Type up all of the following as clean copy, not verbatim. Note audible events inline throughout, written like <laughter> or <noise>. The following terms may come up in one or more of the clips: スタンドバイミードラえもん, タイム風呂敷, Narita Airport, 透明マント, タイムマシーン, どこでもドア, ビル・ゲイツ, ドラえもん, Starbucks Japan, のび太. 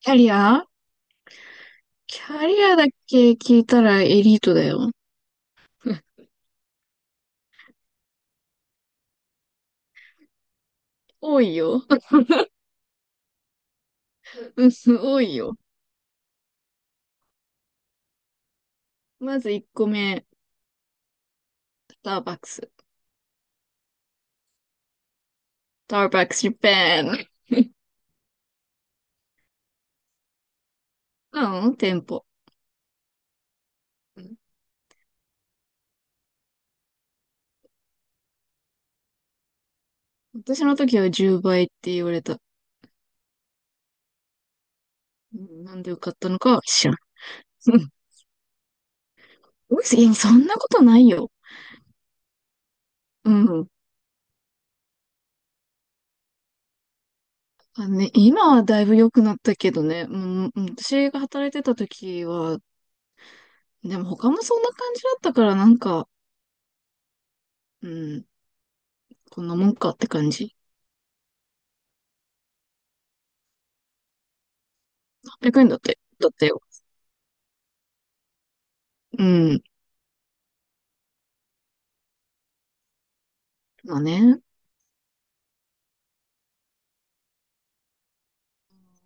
キャリア。キャリアだけ聞いたらエリートだよ。<laughs> 多いよ。<laughs> うん。多いよ。まず1個目、スターバックス。スターバックスジャパン。なの店舗。うん。私の時は10倍って言われた。うん。なんでよかったのかは知らん。うん。いやそんなことないよ。うん。あのね、今はだいぶ良くなったけどね。うん、うん、私が働いてた時は、でも他もそんな感じだったからなんか、うん、こんなもんかって感じ。100円だったよ。うん。まあね。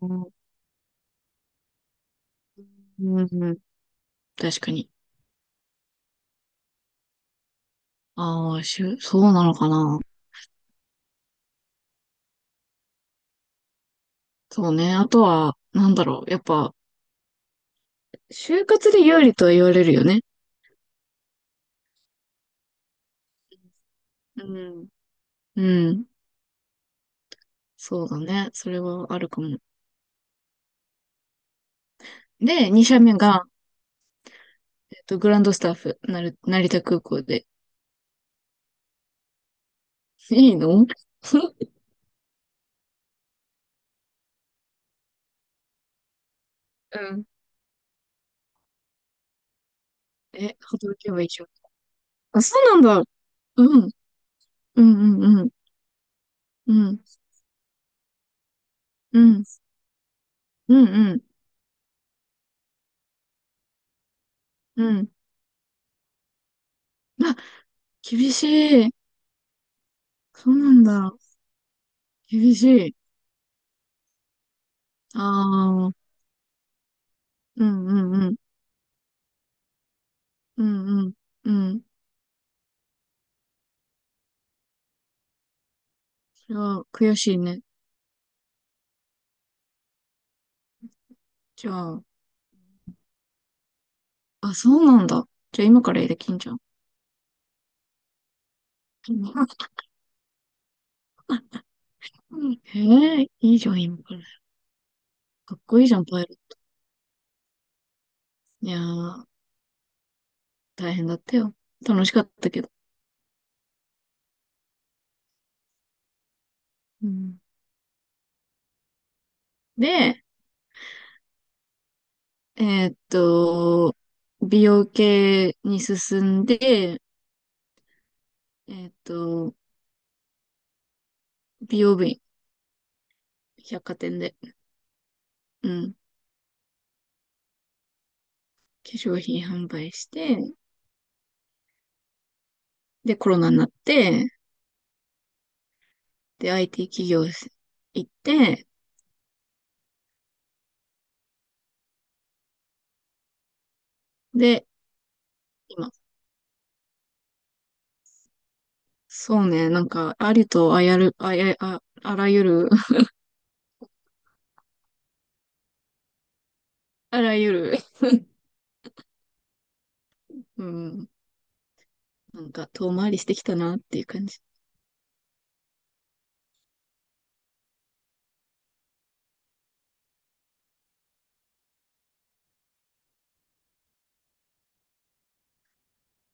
うん、うん、確かに。ああ、そうなのかな。そうね。あとは、なんだろう。やっぱ、就活で有利とは言われるよね。うん。うん。そうだね。それはあるかも。で、2社目が、グランドスタッフ、成田空港で。いいの？ <laughs> うん。え、働けばいいじゃん。あ、そうなんだ。うん。うん、うん、うん。うん、うん、うんうん、うん。あ、厳しい。そうなんだ。厳しい。ああ、うんうんうん。うんうん。うん。それは悔しいね。じゃあ、あ、そうなんだ。じゃあ今からできんじゃん。うん、へえ、いいじゃん、今から。かっこいいじゃん、パイロット。いやー、大変だったよ。楽しかったけど。うん。で、えーっと、美容系に進んで、えーっと、美容部員、百貨店で、うん、化粧品販売して、で、コロナになって、で、IT 企業行って、で、今、そうね、なんか、ありとあやる、あや、あ、あらゆる、<laughs> あらゆる、うん、なんか、遠回りしてきたなっていう感じ。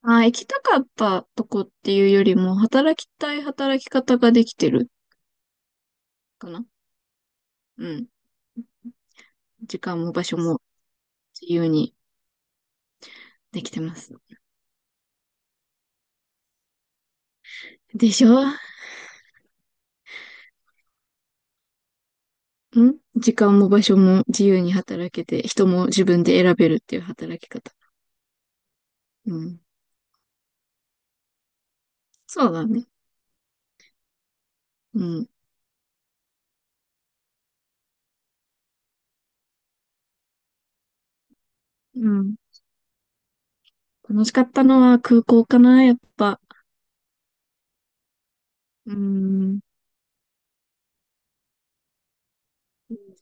あー、行きたかったとこっていうよりも、働きたい働き方ができてるかな。うん。時間も場所も自由にできてます。でしょ？時間も場所も自由に働けて、人も自分で選べるっていう働き方。うん。そうだね。うん。うん、楽しかったのは空港かな、やっぱ。うん、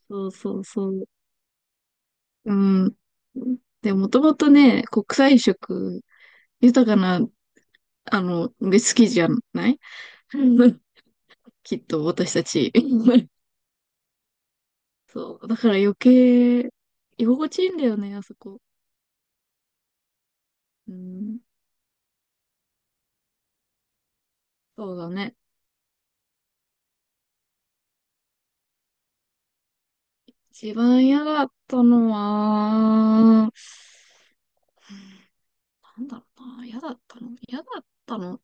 そうそうそう。うん。で、もともとね、国際色、豊かな、あの、で好きじゃない？うん、 <laughs> きっと私たち。<laughs> そう。だから余計、居心地いいんだよね、あそこ。うん。そうだね。一番嫌だったのは、なんだろうな、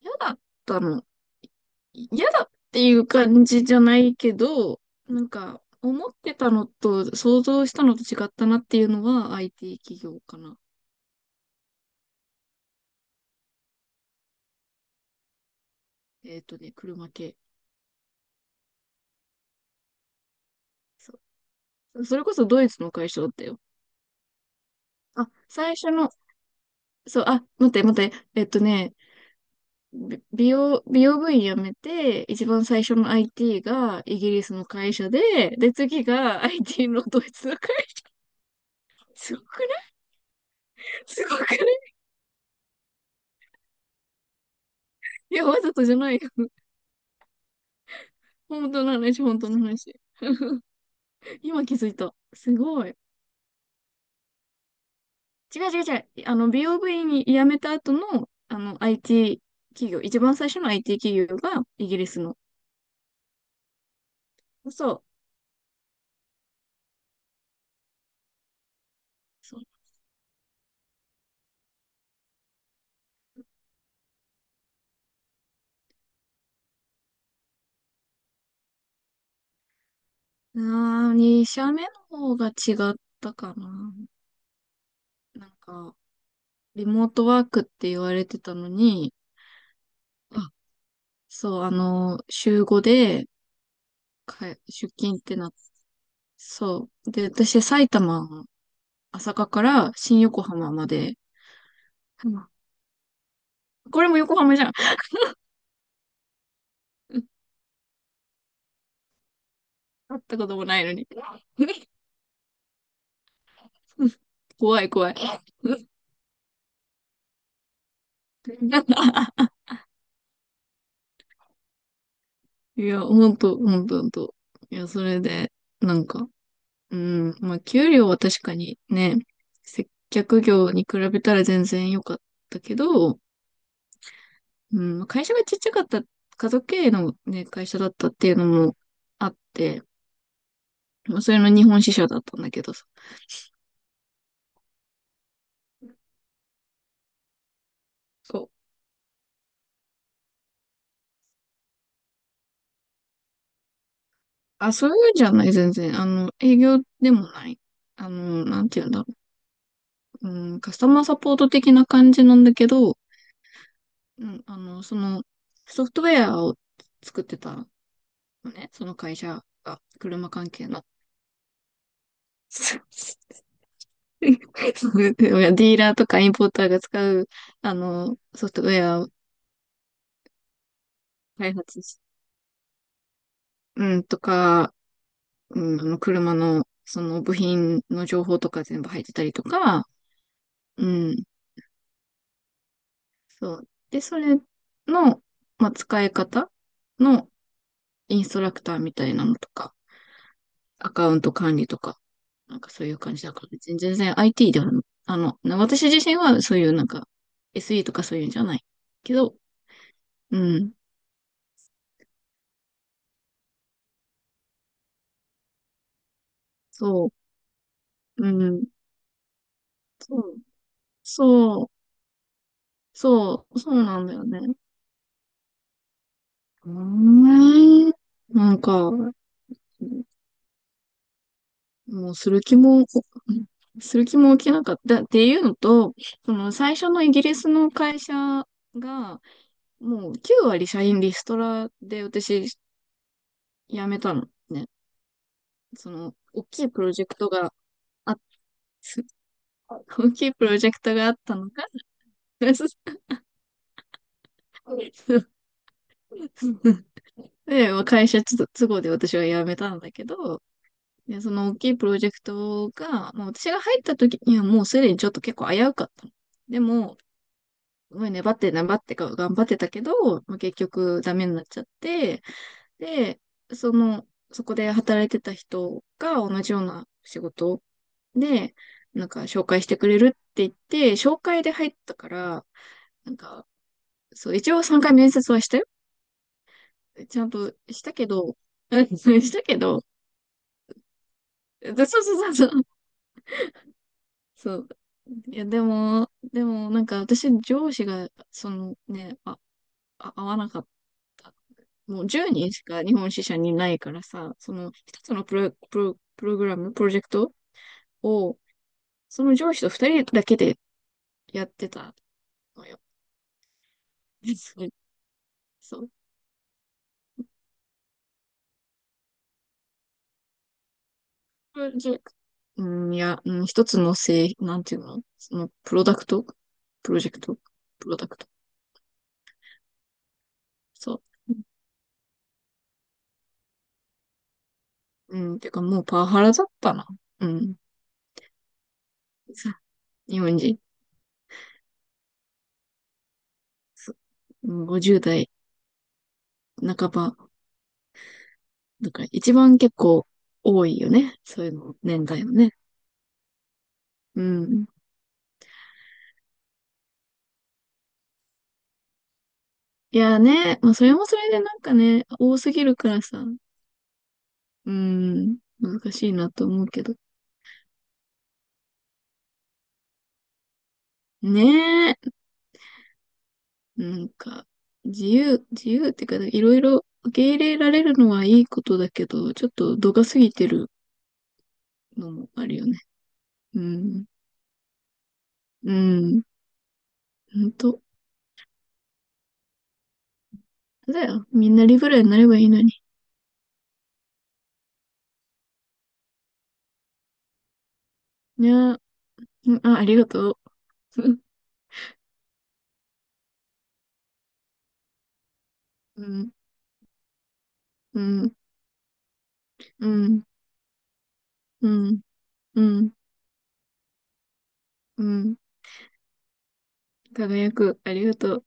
嫌だったの嫌だっていう感じじゃないけど、なんか、思ってたのと、想像したのと違ったなっていうのは IT 企業かな。車系。そう。それこそドイツの会社だったよ。あ、最初の、そう、あ、待って待って、び美容、美容部員辞めて、一番最初の IT がイギリスの会社で、で、次が IT のドイツの会社。<laughs> すごくない？すごくない？いや、わざとじゃないよ。本当の話、本当の話。今気づいた。すごい。違う違う違う。あの、美容部に辞めた後の、あの、IT 企業、一番最初の IT 企業がイギリスの。そう。そう。あー、2社目の方が違ったかな。なんか、リモートワークって言われてたのに、あ、そう、あの、週5で出勤ってなって、そう。で、私、埼玉、朝霞から新横浜まで、うん、これも横浜じゃん。<laughs> 会ったこともないのに。<laughs> うん、怖い怖い。<laughs> いや、ほんと、ほんと、ほんと。いや、それで、なんか、うん、まあ、給料は確かにね、接客業に比べたら全然良かったけど、うん、会社がちっちゃかった、家族経営のね、会社だったっていうのもあって、まあ、それの日本支社だったんだけどさ。そう。あ、そういうんじゃない、全然。あの、営業でもない。あの、なんて言うんだろう。うん、カスタマーサポート的な感じなんだけど、うん、あの、その、ソフトウェアを作ってたのね、その会社が、車関係の。<laughs> そうそう、ディーラーとかインポーターが使う、あの、ソフトウェアを開発し、うん、とか、うん、あの、車の、その部品の情報とか全部入ってたりとか、うん、そう。で、それの、まあ、使い方のインストラクターみたいなのとか、アカウント管理とか、なんかそういう感じだから、全然 IT では、あの、私自身はそういうなんか SE とかそういうんじゃないけど、うん、そう、うん、そう、そう、そう、そうなんだよね。うーん、なんか、もうする気も起きなかったっていうのと、その最初のイギリスの会社が、もう9割社員リストラで私辞めたのね。その、大きいプロジェクトがあっ、<laughs> 大きいプロジェクトがあったのか？ <laughs> で、まあ会社都合で私は辞めたんだけど、で、その大きいプロジェクトが、まあ、私が入った時にはもうすでにちょっと結構危うかったの。でも、すごい粘って粘って頑張ってたけど、まあ、結局ダメになっちゃって、で、その、そこで働いてた人が同じような仕事で、なんか紹介してくれるって言って、紹介で入ったから、なんか、そう、一応3回面接はしたよ。ちゃんとしたけど、<laughs> うん、したけど、そうそうそうそう。そう。いや、でも、なんか私、上司が、そのね、合わなかった。もう10人しか日本支社にいないからさ、その一つのプロ、プロ、プログラム、プロジェクトを、その上司と2人だけでやってたのよ。<laughs> そう。うん、うん、いや、うん、一つの製、なんていうのその、プロダクトプロジェクトプロダクト。そう。うん、てかもうパワハラだったな。うん。さ日本人。そう、うん、50代半ば。だから一番結構多いよね。そういうの、年代のね。うん。いやね、まあそれもそれでなんかね、多すぎるからさ、うん、難しいなと思うけど。ねえ。なんか、自由っていうか、いろいろ受け入れられるのはいいことだけど、ちょっと度が過ぎてるのもあるよね。うん。うん。ほんと。だよ。みんなリブラになればいいのに。いやー、うん、あ、ありがとう。うん。うん。うん。うん。うん。うん。輝く。ありがとう。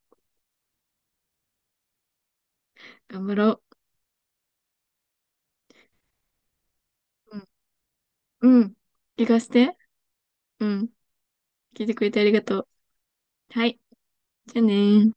頑張ろう。うん。うん。怪して。うん。聞いてくれてありがとう。はい。じゃあねー。